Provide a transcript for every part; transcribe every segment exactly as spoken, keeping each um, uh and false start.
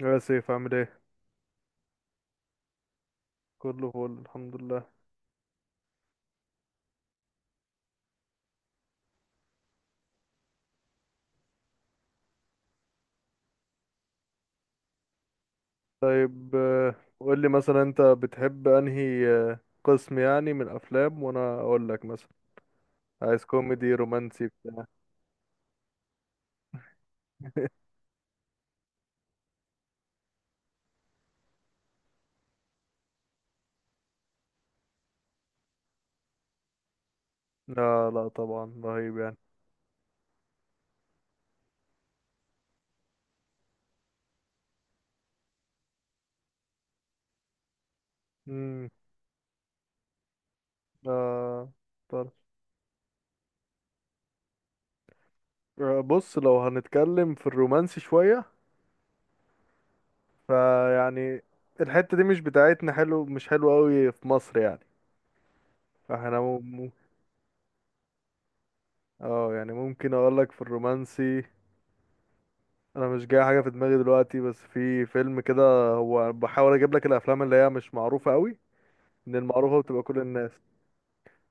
يا سيف، عامل ايه؟ كله فل، الحمد لله. طيب، آه، قول لي مثلا انت بتحب انهي آه، قسم يعني من الافلام وانا اقول لك مثلا. عايز كوميدي رومانسي بتاع. لا لا، طبعا رهيب يعني. امم. آه، طرش. آه، بص، لو هنتكلم في الرومانسي شوية فيعني الحتة دي مش بتاعتنا، حلو مش حلو قوي في مصر يعني. فاحنا مم... اه، يعني ممكن اقول لك في الرومانسي. انا مش جاي حاجه في دماغي دلوقتي، بس في فيلم كده هو بحاول اجيب لك الافلام اللي هي مش معروفه قوي، ان المعروفه بتبقى كل الناس.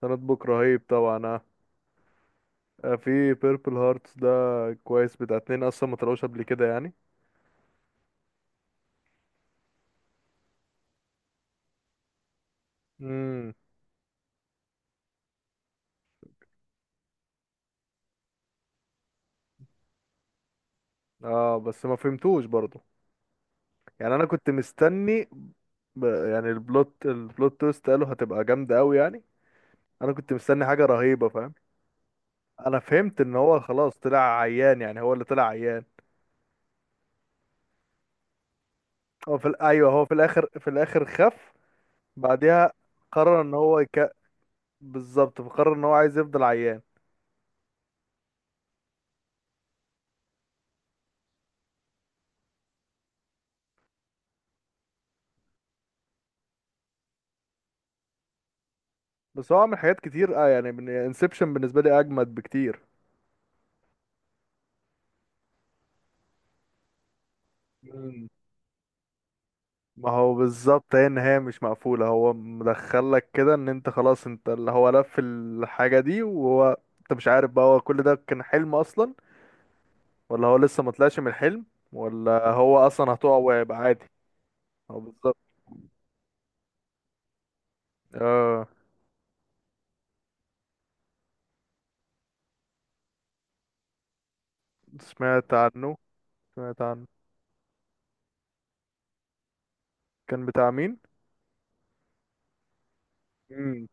سندبوك رهيب طبعا، آه. آه، في بيربل هارتس ده. كويس، بتاع اتنين اصلا ما طلعوش قبل كده يعني. امم. اه، بس ما فهمتوش برضو. يعني انا كنت مستني، ب... يعني البلوت البلوت تويست قالوا هتبقى جامده قوي يعني. انا كنت مستني حاجه رهيبه، فاهم؟ انا فهمت ان هو خلاص طلع عيان، يعني هو اللي طلع عيان. هو في ال- ايوه، هو في الاخر في الاخر خف. بعدها قرر ان هو يك... بالظبط، فقرر ان هو عايز يفضل عيان. بس هو عمل حاجات كتير، اه يعني من انسبشن بالنسبه لي اجمد بكتير. مم. ما هو بالظبط، هي النهايه مش مقفوله، هو مدخلك كده ان انت خلاص، انت اللي هو لف الحاجه دي، وهو انت مش عارف بقى هو كل ده كان حلم اصلا، ولا هو لسه ما طلعش من الحلم، ولا هو اصلا هتقع وهيبقى عادي. هو بالظبط. اه. سمعت عنه. سمعت عنه. كان بتاع مين؟ مم.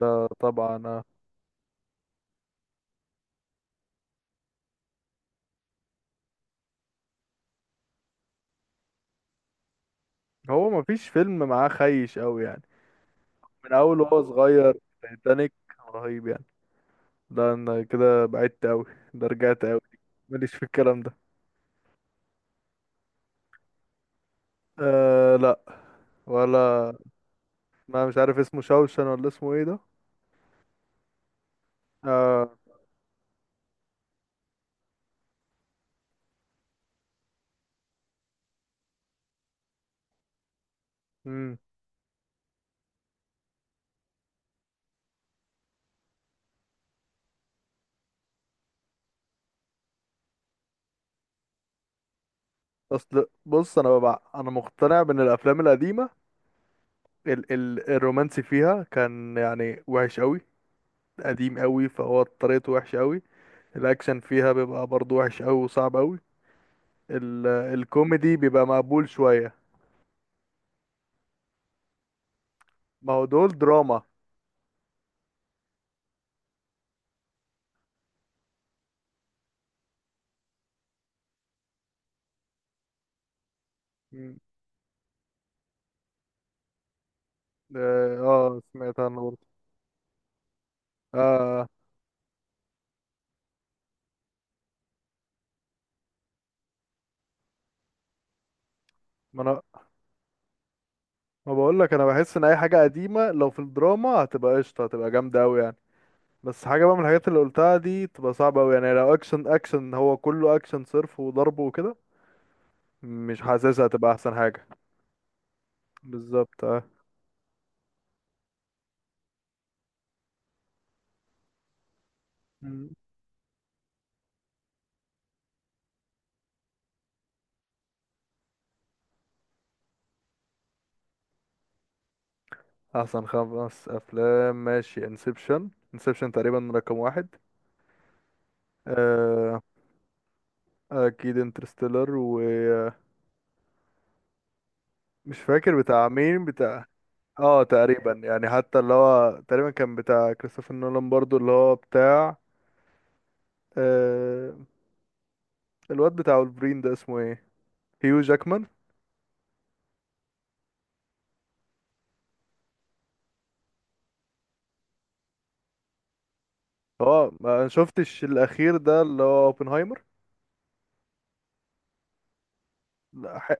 ده طبعا، آه. هو مفيش فيلم معاه خيش قوي يعني، من اول وهو صغير. تايتانيك رهيب يعني. ده انا كده بعدت قوي، ده رجعت قوي. ماليش في الكلام ده. آه، لا. ولا. ما مش عارف اسمه شوشن ولا اسمه ايه ده. آه. مم. اصل بص، انا ببع... انا مقتنع بان الافلام القديمه، ال... ال... الرومانسي فيها كان يعني وحش قوي، قديم قوي، فهو طريقته وحش قوي. الاكشن فيها بيبقى برضو وحش قوي وصعب قوي. ال... الكوميدي بيبقى مقبول شويه. ما هو دول دراما. مم. اه، آه، سمعت عنه برضه. اه، ما انا ما بقول لك، انا بحس ان اي حاجه قديمه لو في الدراما هتبقى قشطه، هتبقى جامده قوي يعني. بس حاجه بقى من الحاجات اللي قلتها دي تبقى صعبه قوي يعني، لو اكشن، اكشن هو كله اكشن صرف وضرب وكده، مش حاسسها هتبقى احسن حاجه. بالظبط، اه. مم. احسن خمس افلام، ماشي. انسبشن، انسبشن تقريبا رقم واحد. آه، اكيد انترستيلر، ومش فاكر بتاع مين بتاع. اه، تقريبا يعني حتى اللي هو تقريبا كان بتاع كريستوفر نولان برضو اللي هو بتاع، آه الواد بتاع ولفرين ده اسمه ايه؟ هيو جاكمان. اه، ما شفتش الاخير ده اللي هو اوبنهايمر. لا ح-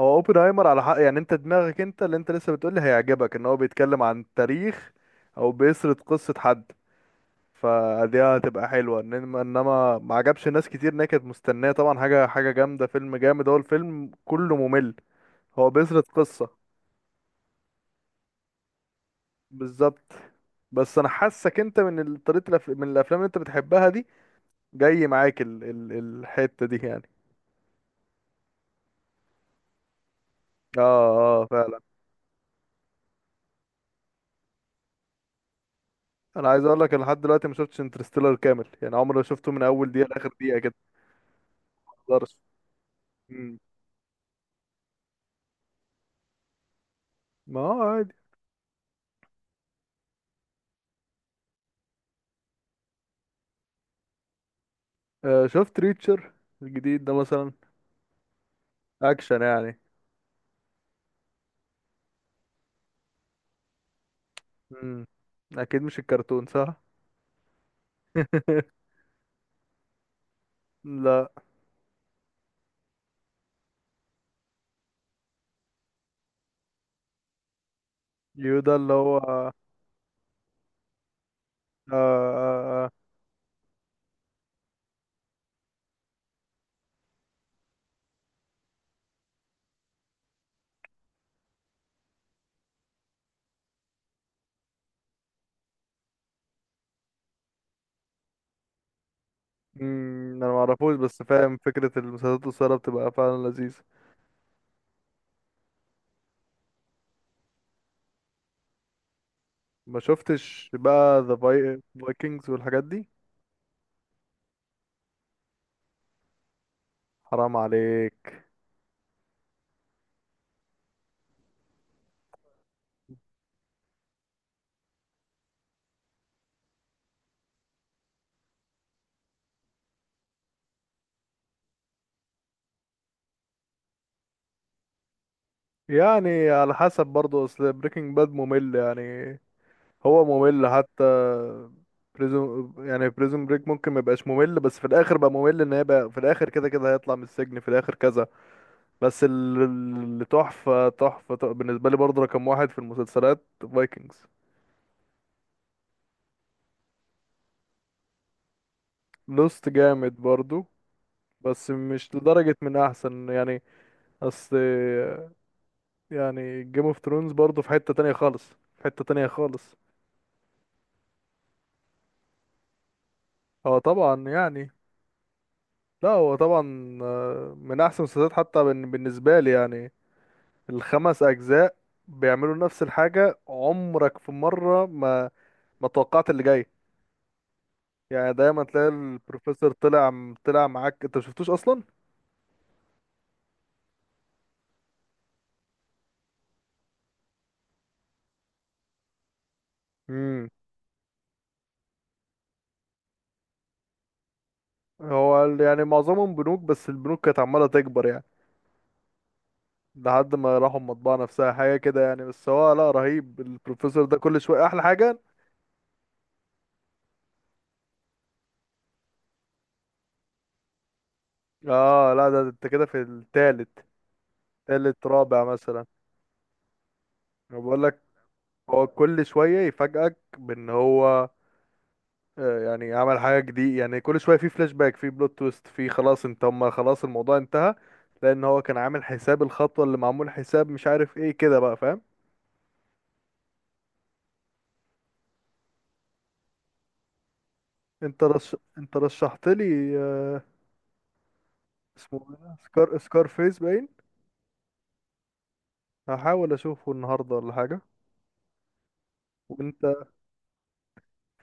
هو اوبنهايمر على حق، يعني انت دماغك، انت اللي انت لسه بتقولي هيعجبك ان هو بيتكلم عن تاريخ، او بيسرد قصة حد، فدي هتبقى حلوة، انما انما ما عجبش ناس كتير ان هي كانت مستنية طبعا حاجة حاجة جامدة، فيلم جامد، هو الفيلم كله ممل. هو بيسرد قصة، بالظبط. بس انا حاسك انت من ال- طريقه الأف... من الافلام اللي انت بتحبها دي جاي معاك ال... ال... الحته دي يعني. اه، اه، فعلا. انا عايز اقول لك، أنا لحد دلوقتي ما شفتش انترستيلر كامل، يعني عمري ما شفته من اول دقيقه لاخر دقيقه كده. ما اقدرش. مم. ما هو عادي. آه، شفت ريتشر الجديد ده مثلا؟ اكشن يعني. مم. اكيد مش الكرتون، صح؟ لا. يودا اللي هو آه آه. آه. آه. مم، انا ما اعرفوش، بس فاهم فكره المسلسلات القصيره بتبقى فعلا لذيذه. ما شفتش بقى ذا فايكنجز والحاجات دي؟ حرام عليك. يعني على حسب برضه، اصل بريكنج باد ممل يعني، هو ممل حتى. بريزون يعني بريزون بريك ممكن ما يبقاش ممل، بس في الاخر بقى ممل، ان هي بقى في الاخر كده كده هيطلع من السجن في الاخر كذا. بس ال- اللي تحفة تحفة تحفة بالنسبة لي برضه، رقم واحد في المسلسلات، فايكنجز. لوست جامد برضه، بس مش لدرجة من احسن يعني. اصل يعني جيم اوف ثرونز برضه في حتة تانية خالص، في حتة تانية خالص. هو طبعا يعني، لا هو طبعا، آه، من احسن المسلسلات، حتى بن- بالنسبة لي يعني. الخمس اجزاء بيعملوا نفس الحاجة، عمرك في مرة ما ما توقعت اللي جاي. يعني دايما تلاقي البروفيسور طلع طلع معاك، انت مشفتوش اصلا. امم. هو ال- يعني معظمهم بنوك، بس البنوك كانت عمالة تكبر يعني، لحد ما راحوا المطبعة نفسها حاجة كده يعني. بس هو لا، رهيب البروفيسور ده، كل شوية أحلى حاجة. اه لا، ده ده انت كده في التالت، تالت رابع مثلا. انا بقول لك، هو كل شويه يفاجئك بان هو آه، يعني عمل حاجه جديده، يعني كل شويه في فلاش باك، في بلوت تويست، في خلاص انت هم، خلاص الموضوع انتهى، لان هو كان عامل حساب الخطوه اللي معمول حساب، مش عارف ايه كده بقى فاهم. انت رش... انت رشحت لي، آه، اسمه إيه؟ ده؟ سكار سكار فيس باين. هحاول اشوفه النهارده ولا حاجه. وانت،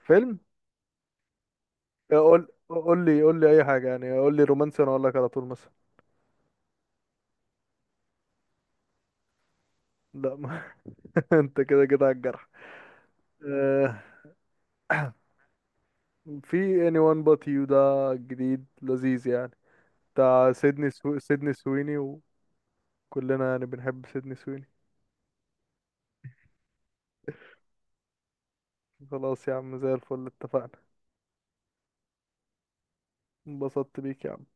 فيلم، آه، قول قول لي قول لي اي حاجه يعني، قول لي رومانسي انا اقول لك على طول مثلا. لا، انت كده كده على الجرح. آه، في anyone but you ده، جديد لذيذ يعني، بتاع سيدني سو... سيدني سويني. وكلنا يعني بنحب سيدني سويني. خلاص يا عم، زي الفل، اتفقنا. انبسطت بيك يا عم.